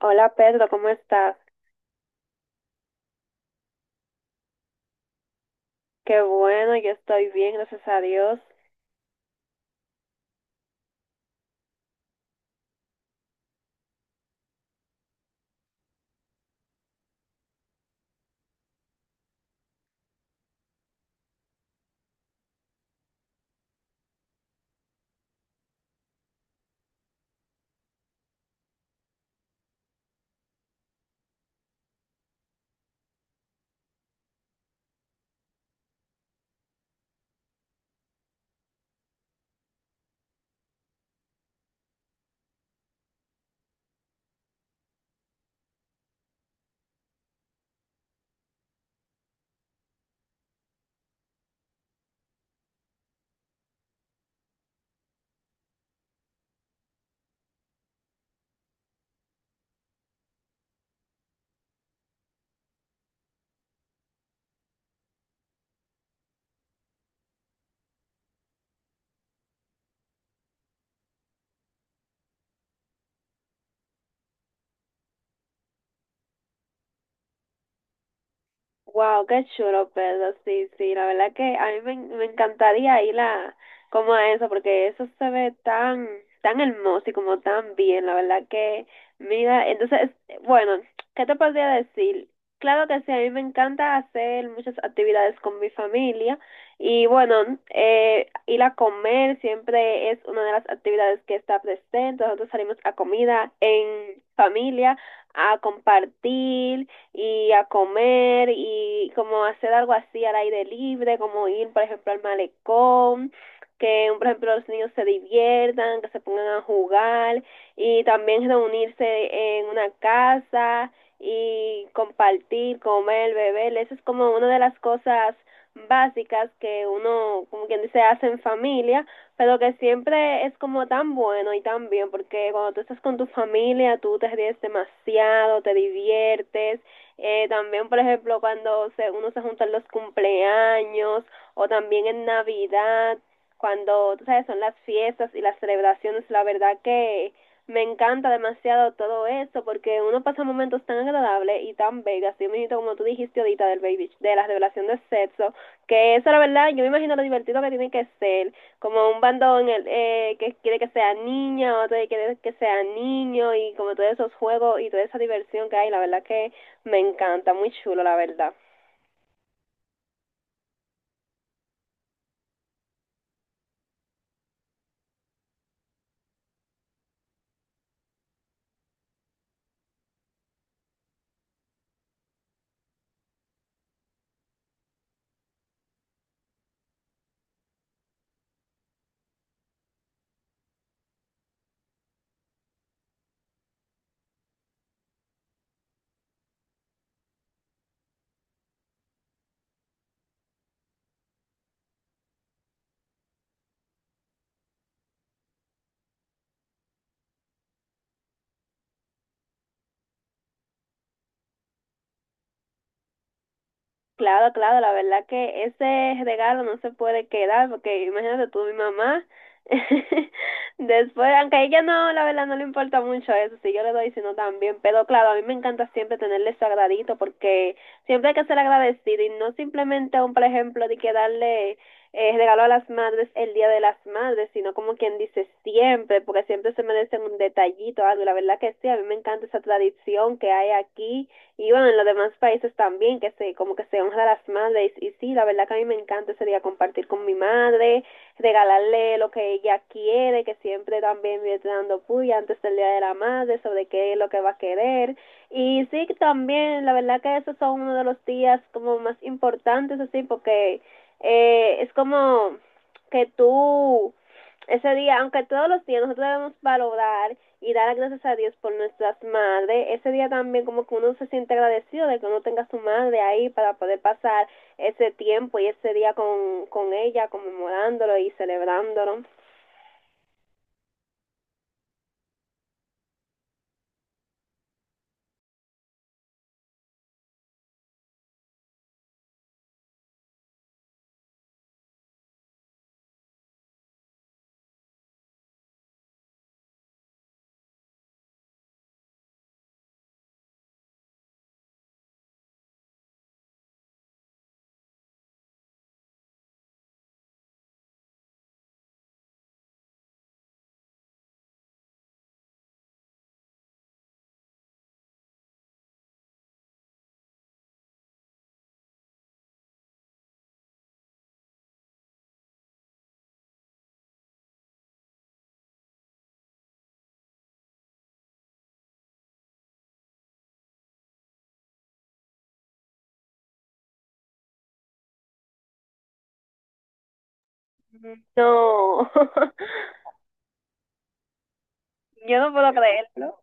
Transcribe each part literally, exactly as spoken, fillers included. Hola Pedro, ¿cómo estás? Qué bueno, yo estoy bien, gracias a Dios. Wow, qué chulo, Pedro. Sí, sí, la verdad que a mí me, me encantaría ir a como a eso, porque eso se ve tan, tan hermoso y como tan bien, la verdad que, mira, entonces, bueno, ¿qué te podría decir? Claro que sí, a mí me encanta hacer muchas actividades con mi familia y bueno, eh, ir a comer siempre es una de las actividades que está presente. Nosotros salimos a comida en familia, a compartir y a comer y como hacer algo así al aire libre, como ir, por ejemplo, al malecón, que, por ejemplo, los niños se diviertan, que se pongan a jugar y también reunirse en una casa y compartir, comer, beber. Eso es como una de las cosas básicas que uno, como quien dice, hace en familia, pero que siempre es como tan bueno y tan bien, porque cuando tú estás con tu familia, tú te ríes demasiado, te diviertes, eh, también, por ejemplo, cuando se, uno se junta en los cumpleaños o también en Navidad, cuando, tú sabes, son las fiestas y las celebraciones, la verdad que me encanta demasiado todo eso porque uno pasa momentos tan agradables y tan bellos, así mismo como tú dijiste ahorita del baby, de la revelación de sexo, que eso la verdad, yo me imagino lo divertido que tiene que ser, como un bando en el, eh, que quiere que sea niña, otro que quiere que sea niño y como todos esos juegos y toda esa diversión que hay, la verdad que me encanta, muy chulo, la verdad. Claro, claro, la verdad que ese regalo no se puede quedar, porque imagínate tú, mi mamá, después, aunque a ella no, la verdad no le importa mucho eso, si yo le doy, si no también, pero claro, a mí me encanta siempre tenerle su agradito, porque siempre hay que ser agradecido y no simplemente un, por ejemplo, de que darle eh, regalo a las madres el Día de las Madres, sino como quien dice siempre, porque siempre se merecen un detallito, algo, y la verdad que sí, a mí me encanta esa tradición que hay aquí y bueno, en los demás países también, que se, como que se honra a las madres, y sí, la verdad que a mí me encanta ese día compartir con mi madre, regalarle lo que ella quiere, que siempre también me está dando puya antes del día de la madre, sobre qué es lo que va a querer, y sí, también, la verdad que esos son uno de los días como más importantes, así, porque eh, es como que tú ese día, aunque todos los días nosotros debemos valorar y dar gracias a Dios por nuestras madres, ese día también como que uno se siente agradecido de que uno tenga a su madre ahí para poder pasar ese tiempo y ese día con, con ella, conmemorándolo y celebrándolo. No, yo no puedo creerlo.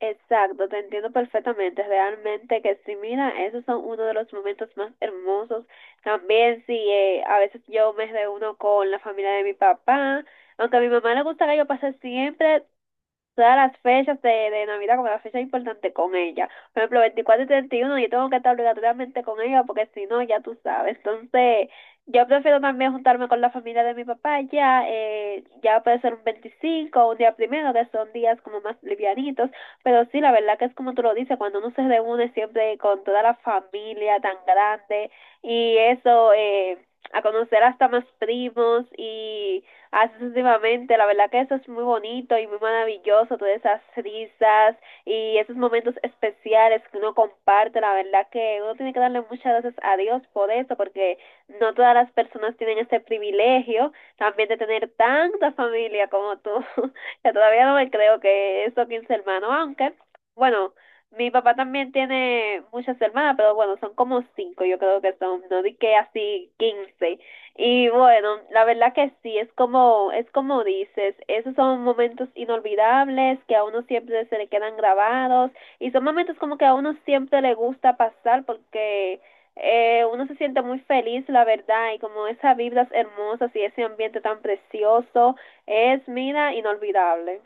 Exacto, te entiendo perfectamente, realmente que sí, mira, esos son uno de los momentos más hermosos. También sí, eh, a veces yo me reúno con la familia de mi papá, aunque a mi mamá le gusta que yo pase siempre todas las fechas de, de Navidad, como las fechas importantes con ella. Por ejemplo, veinticuatro y treinta y uno yo tengo que estar obligatoriamente con ella porque si no, ya tú sabes. Entonces, yo prefiero también juntarme con la familia de mi papá ya, eh, ya puede ser un veinticinco o un día primero, que son días como más livianitos, pero sí, la verdad que es como tú lo dices, cuando uno se reúne siempre con toda la familia tan grande y eso, eh, a conocer hasta más primos y haces últimamente. La verdad que eso es muy bonito y muy maravilloso, todas esas risas y esos momentos especiales que uno comparte. La verdad que uno tiene que darle muchas gracias a Dios por eso, porque no todas las personas tienen este privilegio también de tener tanta familia como tú. que todavía no me creo que esos quince hermanos, aunque, bueno. Mi papá también tiene muchas hermanas, pero bueno, son como cinco, yo creo que son, no di que así quince, y bueno, la verdad que sí, es como, es como dices, esos son momentos inolvidables que a uno siempre se le quedan grabados y son momentos como que a uno siempre le gusta pasar porque eh, uno se siente muy feliz, la verdad, y como esas vibras hermosas y ese ambiente tan precioso es, mira, inolvidable.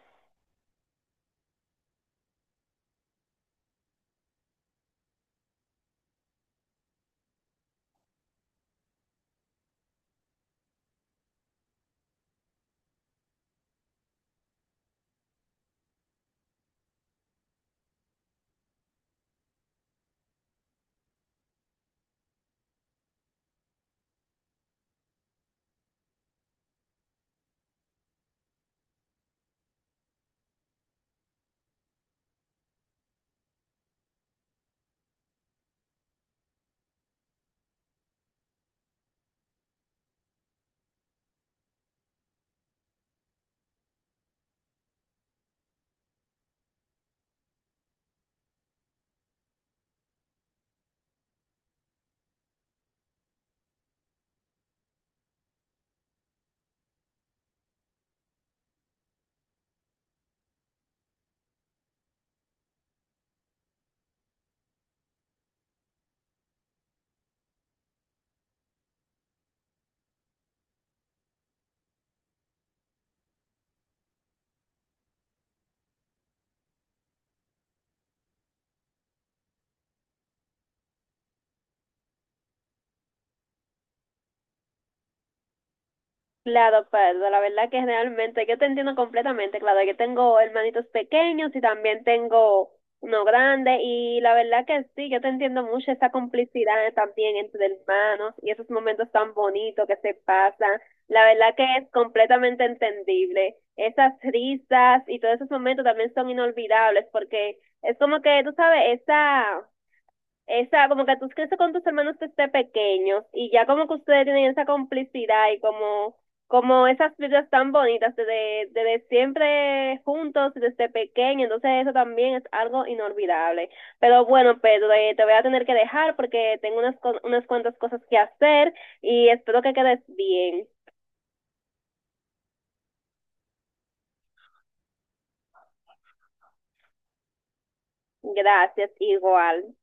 Claro, Pedro, la verdad que realmente yo te entiendo completamente, claro, yo tengo hermanitos pequeños y también tengo uno grande y la verdad que sí, yo te entiendo mucho esa complicidad también entre hermanos y esos momentos tan bonitos que se pasan, la verdad que es completamente entendible, esas risas y todos esos momentos también son inolvidables porque es como que, tú sabes, esa esa, como que tú creces con tus hermanos desde pequeños y ya como que ustedes tienen esa complicidad y como, como esas vidas tan bonitas desde, desde siempre juntos, desde pequeño, entonces eso también es algo inolvidable. Pero bueno, Pedro, eh, te voy a tener que dejar porque tengo unas, co- unas cuantas cosas que hacer y espero que quedes bien. Gracias, igual.